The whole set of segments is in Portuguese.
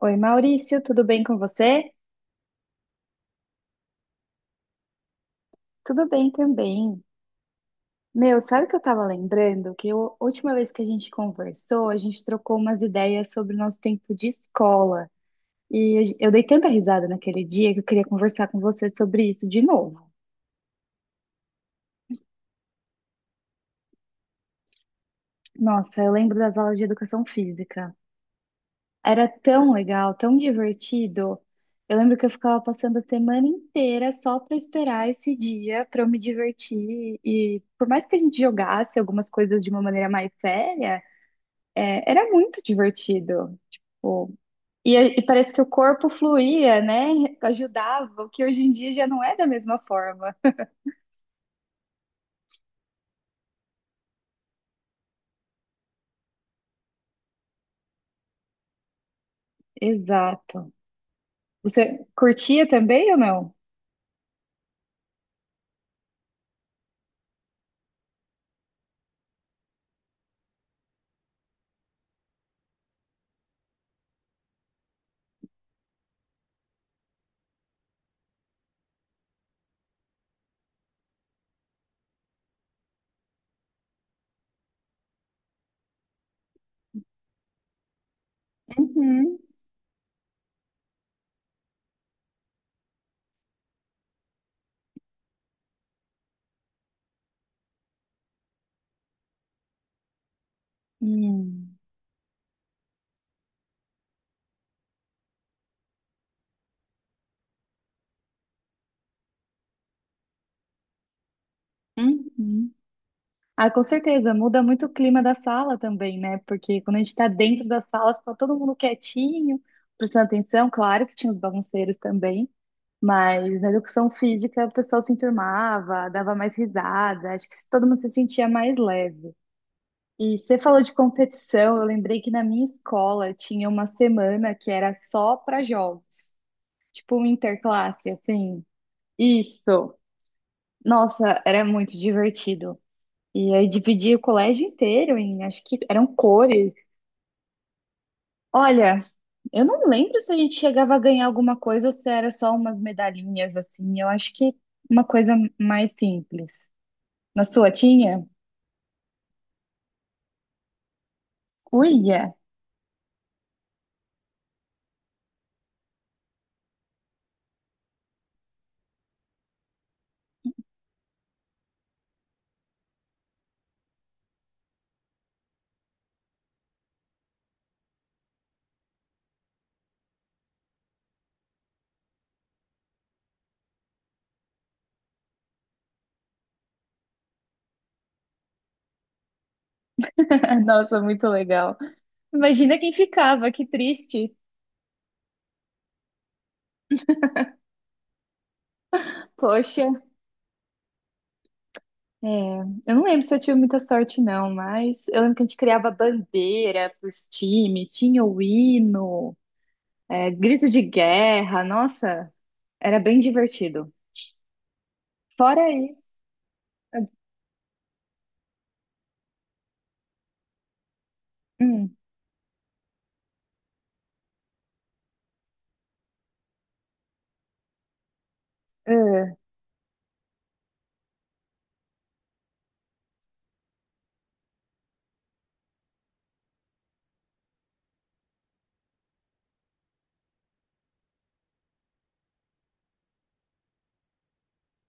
Oi, Maurício, tudo bem com você? Tudo bem também. Meu, sabe o que eu tava lembrando? A última vez que a gente conversou, a gente trocou umas ideias sobre o nosso tempo de escola. Eu dei tanta risada naquele dia que eu queria conversar com você sobre isso de novo. Nossa, eu lembro das aulas de educação física. Era tão legal, tão divertido. Eu lembro que eu ficava passando a semana inteira só para esperar esse dia para eu me divertir. E por mais que a gente jogasse algumas coisas de uma maneira mais séria, era muito divertido. E parece que o corpo fluía, né? Ajudava, o que hoje em dia já não é da mesma forma. Exato. Você curtia também ou não? Uhum. Hum. Uhum. Ah, com certeza, muda muito o clima da sala também, né? Porque quando a gente tá dentro da sala, fica todo mundo quietinho, prestando atenção. Claro que tinha os bagunceiros também, mas na educação física o pessoal se enturmava, dava mais risada, acho que todo mundo se sentia mais leve. E você falou de competição, eu lembrei que na minha escola tinha uma semana que era só para jogos, tipo um interclasse, assim. Isso! Nossa, era muito divertido. E aí dividia o colégio inteiro em, acho que eram cores. Olha, eu não lembro se a gente chegava a ganhar alguma coisa ou se era só umas medalhinhas assim. Eu acho que uma coisa mais simples. Na sua tinha? Uia! Nossa, muito legal. Imagina quem ficava, que triste. Poxa, é, eu não lembro se eu tive muita sorte, não, mas eu lembro que a gente criava bandeira pros times, tinha o hino, grito de guerra. Nossa, era bem divertido. Fora isso. Hum, é,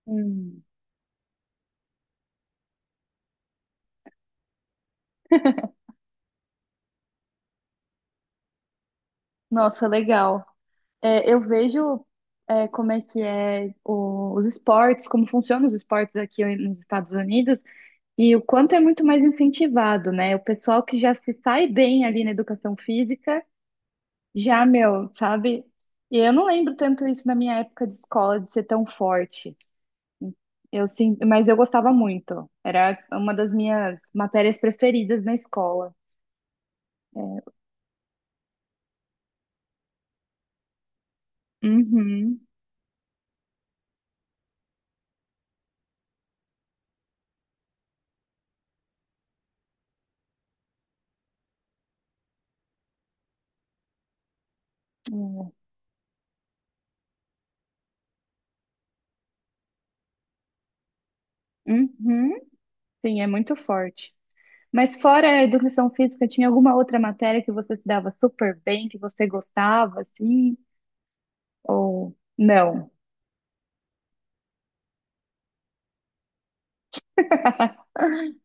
hum. Nossa, legal. É, eu vejo como é que é os esportes, como funcionam os esportes aqui nos Estados Unidos e o quanto é muito mais incentivado, né? O pessoal que já se sai bem ali na educação física, já, meu, sabe? E eu não lembro tanto isso na minha época de escola, de ser tão forte. Eu sim, mas eu gostava muito. Era uma das minhas matérias preferidas na escola. Uhum. Uhum, sim, é muito forte. Mas fora a educação física, tinha alguma outra matéria que você se dava super bem, que você gostava, assim? Ou não?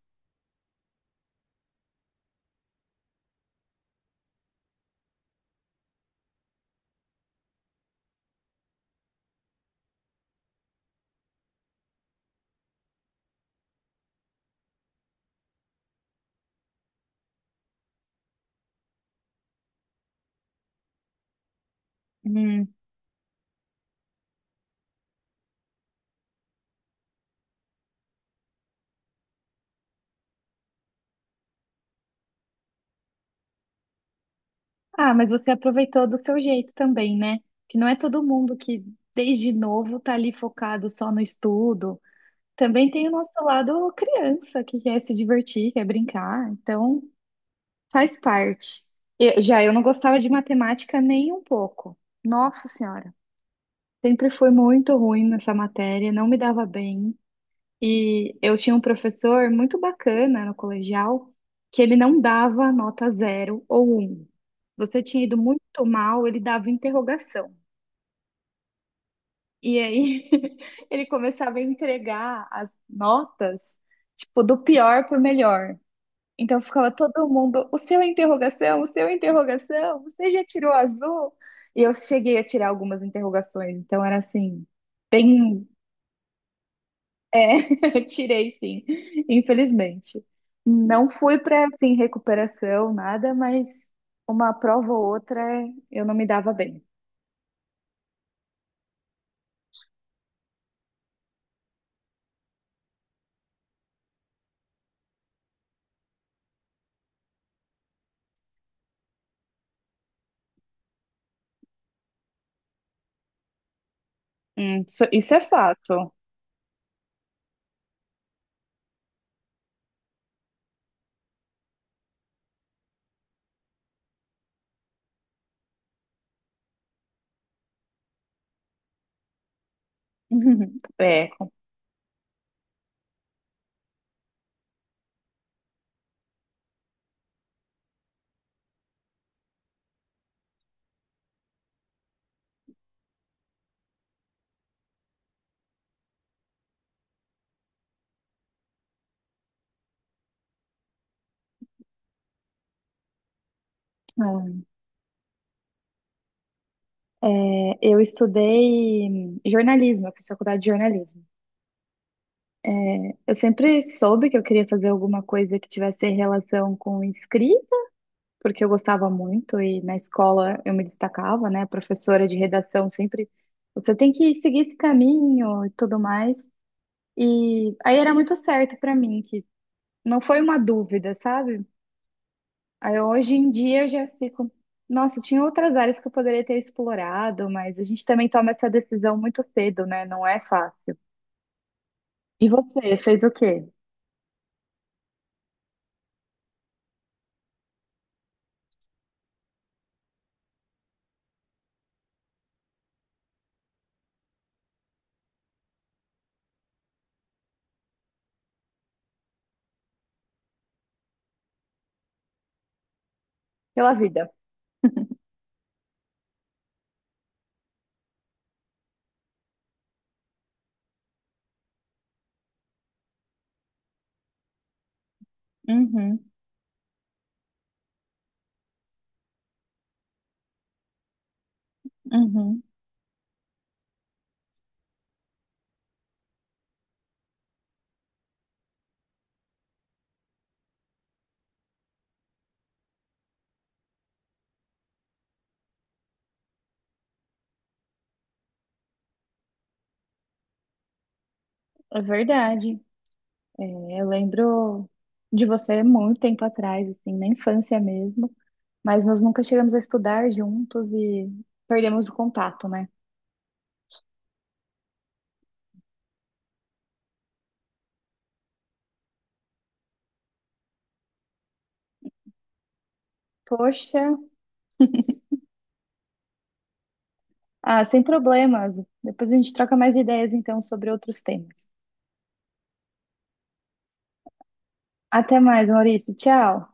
Hum. Ah, mas você aproveitou do seu jeito também, né? Que não é todo mundo que, desde novo, tá ali focado só no estudo. Também tem o nosso lado criança, que quer se divertir, quer brincar. Então, faz parte. Já eu não gostava de matemática nem um pouco. Nossa Senhora. Sempre fui muito ruim nessa matéria, não me dava bem. E eu tinha um professor muito bacana no colegial, que ele não dava nota zero ou um. Você tinha ido muito mal, ele dava interrogação. E aí ele começava a entregar as notas, tipo, do pior pro melhor. Então ficava todo mundo, o seu é interrogação, o seu é interrogação, você já tirou azul? E eu cheguei a tirar algumas interrogações, então era assim, bem. É, eu tirei sim, infelizmente. Não fui para assim recuperação, nada, mas uma prova ou outra eu não me dava bem. Isso, isso é fato. É, eu estudei jornalismo, eu fiz faculdade de jornalismo. Eu sempre soube que eu queria fazer alguma coisa que tivesse relação com escrita. Porque eu gostava muito e na escola eu me destacava, né? A professora de redação sempre, você tem que seguir esse caminho e tudo mais. E aí era muito certo pra mim, que não foi uma dúvida, sabe? Aí hoje em dia eu já fico, nossa, tinha outras áreas que eu poderia ter explorado, mas a gente também toma essa decisão muito cedo, né? Não é fácil. E você fez o quê? Pela vida. Uhum, uhum, é verdade. É, eu lembro de você muito tempo atrás, assim, na infância mesmo, mas nós nunca chegamos a estudar juntos e perdemos o contato, né? Poxa, ah, sem problemas. Depois a gente troca mais ideias, então, sobre outros temas. Até mais, Maurício. Tchau.